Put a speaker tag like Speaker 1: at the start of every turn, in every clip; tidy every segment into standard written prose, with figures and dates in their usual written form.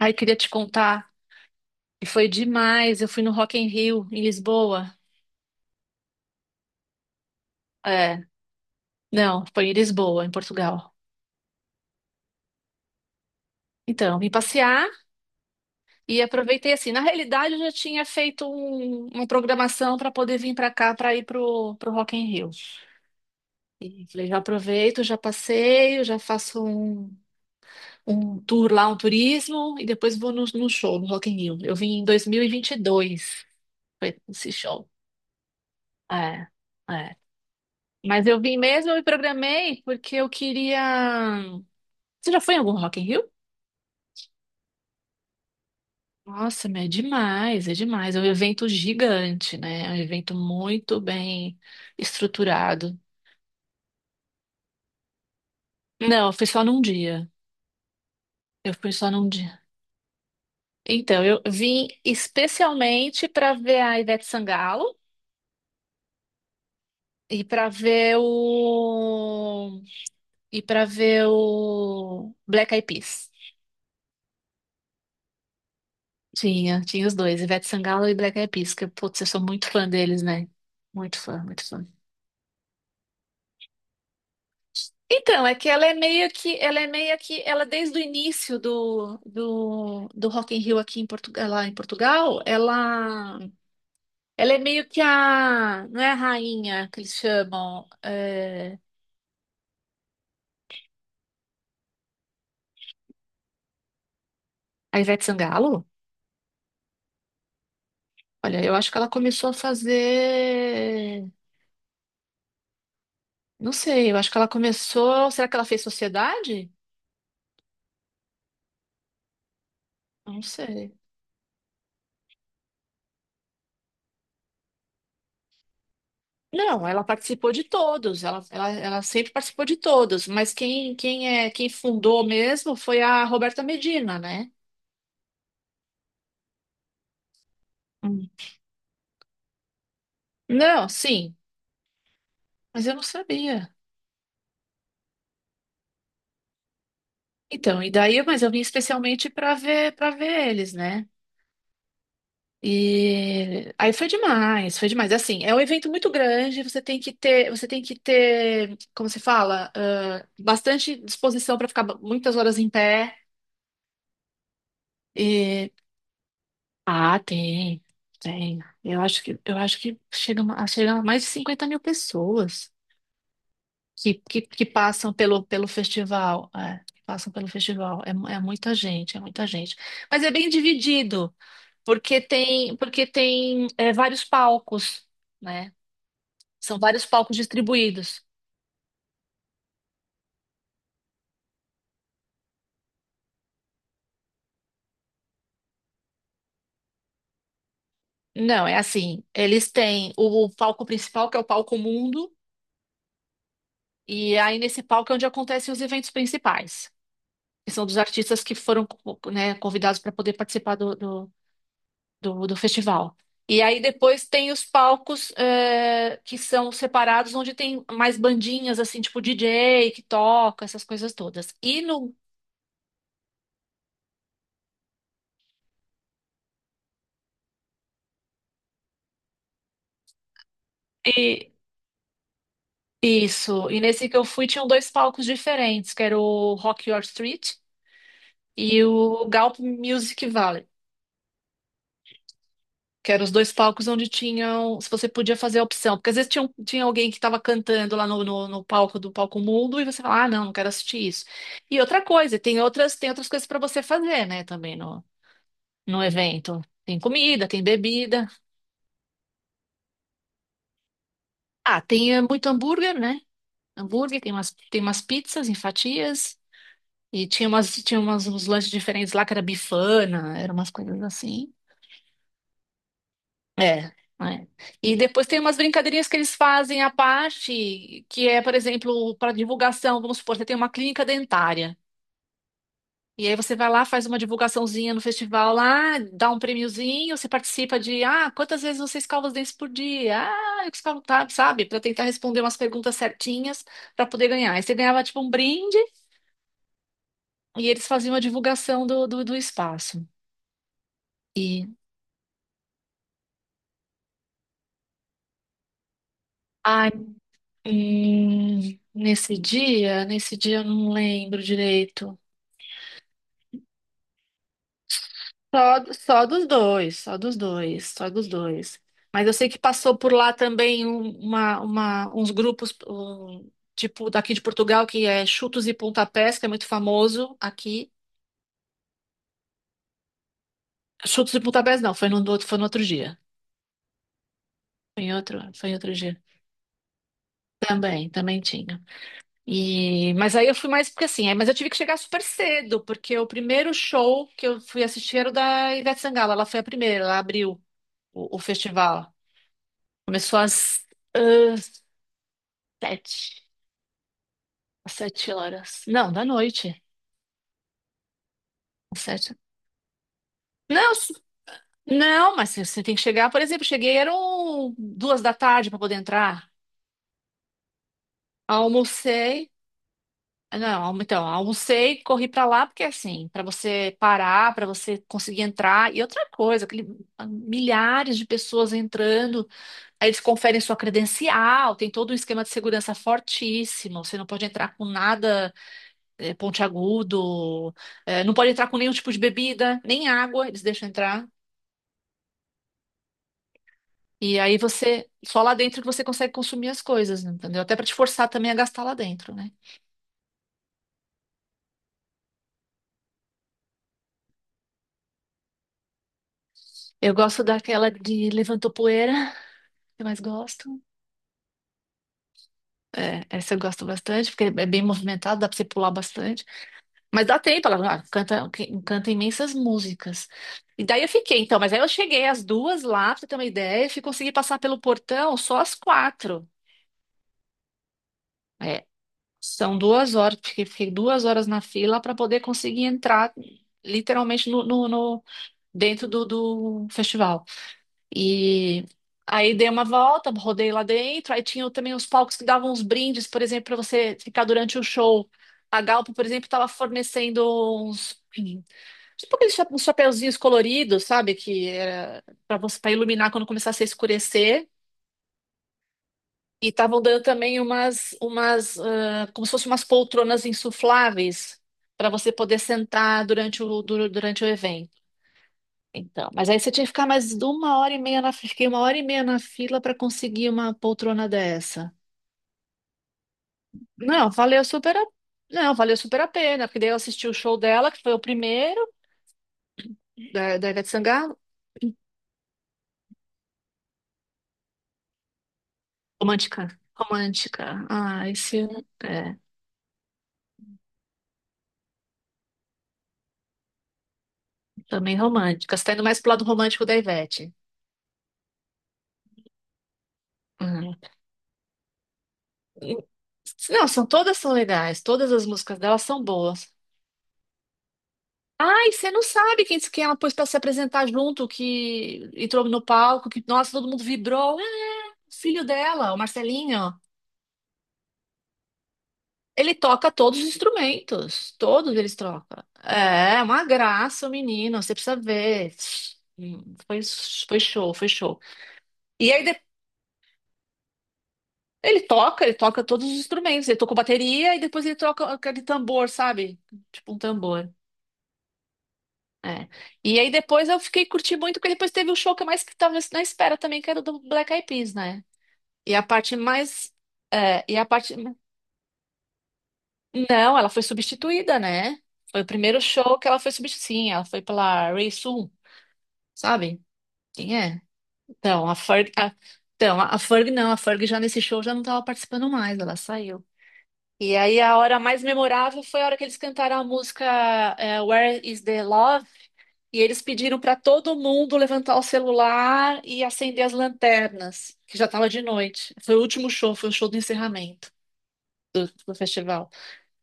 Speaker 1: Ai, queria te contar. E foi demais. Eu fui no Rock in Rio, em Lisboa. É, não, foi em Lisboa, em Portugal. Então, vim passear e aproveitei assim. Na realidade, eu já tinha feito uma programação para poder vir para cá, para ir pro Rock in Rio. E falei, já aproveito, já passeio, um tour lá, um turismo, e depois vou no show, no Rock in Rio. Eu vim em 2022, foi esse show. É, é. Mas eu vim mesmo, eu me programei porque eu queria. Você já foi em algum Rock in Rio? Nossa, mas é demais, é demais. É um evento gigante, né? É um evento muito bem estruturado. Não, eu fui só num dia. Eu fui só num dia. Então, eu vim especialmente para ver a Ivete Sangalo e para ver o e para ver o Black Eyed Peas. Tinha, tinha os dois, Ivete Sangalo e Black Eyed Peas, que, putz, eu sou muito fã deles, né? Muito fã, muito fã. Então, é que ela é meio que, ela desde o início do Rock in Rio aqui em Portugal, lá em Portugal, ela é meio que a, não é a rainha que eles chamam, é, a Ivete Sangalo? Olha, eu acho que ela começou a fazer, não sei, eu acho que ela começou, será que ela fez Sociedade? Não sei. Não, ela participou de todos, ela sempre participou de todos, mas quem fundou mesmo foi a Roberta Medina, né? Hum. Não, sim, mas eu não sabia. Então, e daí, mas eu vim especialmente para ver eles, né? E aí foi demais, foi demais. Assim, é um evento muito grande, você tem que ter, como se fala, ah, bastante disposição para ficar muitas horas em pé. Ah, tem, tem. Eu acho que chega, a chega a mais de 50 mil pessoas que passam pelo festival. É, que passam pelo festival. É, é muita gente, é muita gente. Mas é bem dividido, porque tem é, vários palcos, né? São vários palcos distribuídos. Não, é assim, eles têm o palco principal, que é o palco Mundo, e aí nesse palco é onde acontecem os eventos principais, que são dos artistas que foram, né, convidados para poder participar do festival. E aí depois tem os palcos é, que são separados, onde tem mais bandinhas, assim, tipo DJ que toca, essas coisas todas. E no. e- isso. E nesse que eu fui, tinham dois palcos diferentes, que era o Rock Your Street e o Galp Music Valley. Que eram os dois palcos onde tinham. Se você podia fazer a opção. Porque às vezes tinha, tinha alguém que estava cantando lá no palco do Palco Mundo e você fala, ah, não, não quero assistir isso. E outra coisa, tem outras coisas para você fazer, né, também no, no evento. Tem comida, tem bebida. Ah, tem muito hambúrguer, né? Hambúrguer, tem umas pizzas em fatias. E uns lanches diferentes lá que era bifana, eram umas coisas assim. É, é. E depois tem umas brincadeirinhas que eles fazem à parte, que é, por exemplo, para divulgação, vamos supor, você tem uma clínica dentária. E aí você vai lá, faz uma divulgaçãozinha no festival lá, dá um prêmiozinho, você participa de, ah, quantas vezes você escova os dentes por dia? Ah, eu escovo, tá, sabe? Para tentar responder umas perguntas certinhas para poder ganhar. Aí você ganhava tipo um brinde e eles faziam a divulgação do espaço. E, ai, nesse dia eu não lembro direito. Só, só dos dois, só dos dois. Mas eu sei que passou por lá também uns grupos, um, tipo daqui de Portugal, que é Chutos e Pontapés, que é muito famoso aqui. Chutos e Pontapés não, foi foi no outro dia. Foi em outro dia. Também, também tinha. E, mas aí eu fui mais porque assim, mas eu tive que chegar super cedo, porque o primeiro show que eu fui assistir era o da Ivete Sangalo, ela foi a primeira, ela abriu o festival. Começou às Sete. Às sete horas. Não, da noite. Às Sete. Não, s- não, mas você tem que chegar. Por exemplo, cheguei, eram duas da tarde para poder entrar. Almocei. Não, então, almocei, corri para lá, porque assim, para você parar, para você conseguir entrar. E outra coisa, milhares de pessoas entrando, aí eles conferem sua credencial, tem todo um esquema de segurança fortíssimo, você não pode entrar com nada. É, pontiagudo, é, não pode entrar com nenhum tipo de bebida, nem água, eles deixam entrar. E aí você, só lá dentro que você consegue consumir as coisas, né, entendeu? Até para te forçar também a gastar lá dentro, né? Eu gosto daquela de levantou poeira, que eu mais gosto. É, essa eu gosto bastante, porque é bem movimentada, dá pra você pular bastante. Mas dá tempo, ela canta imensas músicas. E daí eu fiquei, então, mas aí eu cheguei às duas lá, pra você ter uma ideia, e consegui passar pelo portão só às quatro. É, São duas horas, porque fiquei duas horas na fila para poder conseguir entrar literalmente dentro do festival. E aí dei uma volta, rodei lá dentro, aí tinha também os palcos que davam uns brindes, por exemplo, para você ficar durante o show. A Galpo, por exemplo, estava fornecendo uns, tipo aqueles uns chapeuzinhos coloridos, sabe? Que era para você para iluminar quando começasse a escurecer. E estavam dando também como se fossem umas poltronas insufláveis para você poder sentar durante durante o evento. Então, mas aí você tinha que ficar mais de uma hora e meia na, fiquei uma hora e meia na fila para conseguir uma poltrona dessa. Não, valeu super a, não, valeu super a pena, porque daí eu assisti o show dela, que foi o primeiro, da Ivete Sangalo. Romântica. Romântica. Ah, esse é, também romântica. Você tá indo mais pro lado romântico da Ivete. E- Não, são todas são legais, todas as músicas delas são boas. Ai, você não sabe quem que ela pôs pra se apresentar junto, que entrou no palco, que nossa, todo mundo vibrou. Ah, o filho dela, o Marcelinho. Ele toca todos os instrumentos, todos eles trocam. É, uma graça, o menino, você precisa ver. Hum, Foi, foi show, foi show. E aí de- ele toca todos os instrumentos, ele toca bateria e depois ele troca aquele tambor, sabe? Tipo um tambor. É. E aí depois eu fiquei curtindo muito, porque depois teve o show que eu mais que tava na espera também, que era o do Black Eyed Peas, né? E a parte mais. E a parte. Não, ela foi substituída, né? Foi o primeiro show que ela foi substituída. Sim, ela foi pela Ray Sun, sabe? Quem é? Então, a Ferg. a- Então, a Ferg não, a Ferg já nesse show já não tava participando mais, ela saiu. E aí a hora mais memorável foi a hora que eles cantaram a música Where is the Love? E eles pediram para todo mundo levantar o celular e acender as lanternas, que já estava de noite. Foi o último show, foi o show do encerramento do festival.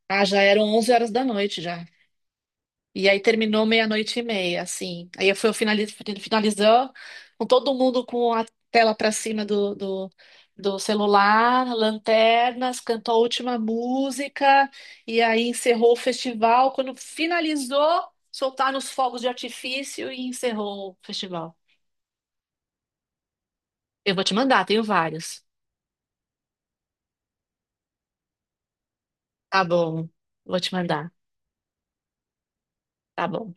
Speaker 1: Ah, já eram 23 horas da noite já. E aí terminou meia-noite e meia, assim. Aí eu fui finalizando com todo mundo com a tela para cima do celular, lanternas, cantou a última música, e aí encerrou o festival. Quando finalizou, soltaram os fogos de artifício e encerrou o festival. Eu vou te mandar, tenho vários. Tá bom, vou te mandar. Tá bom.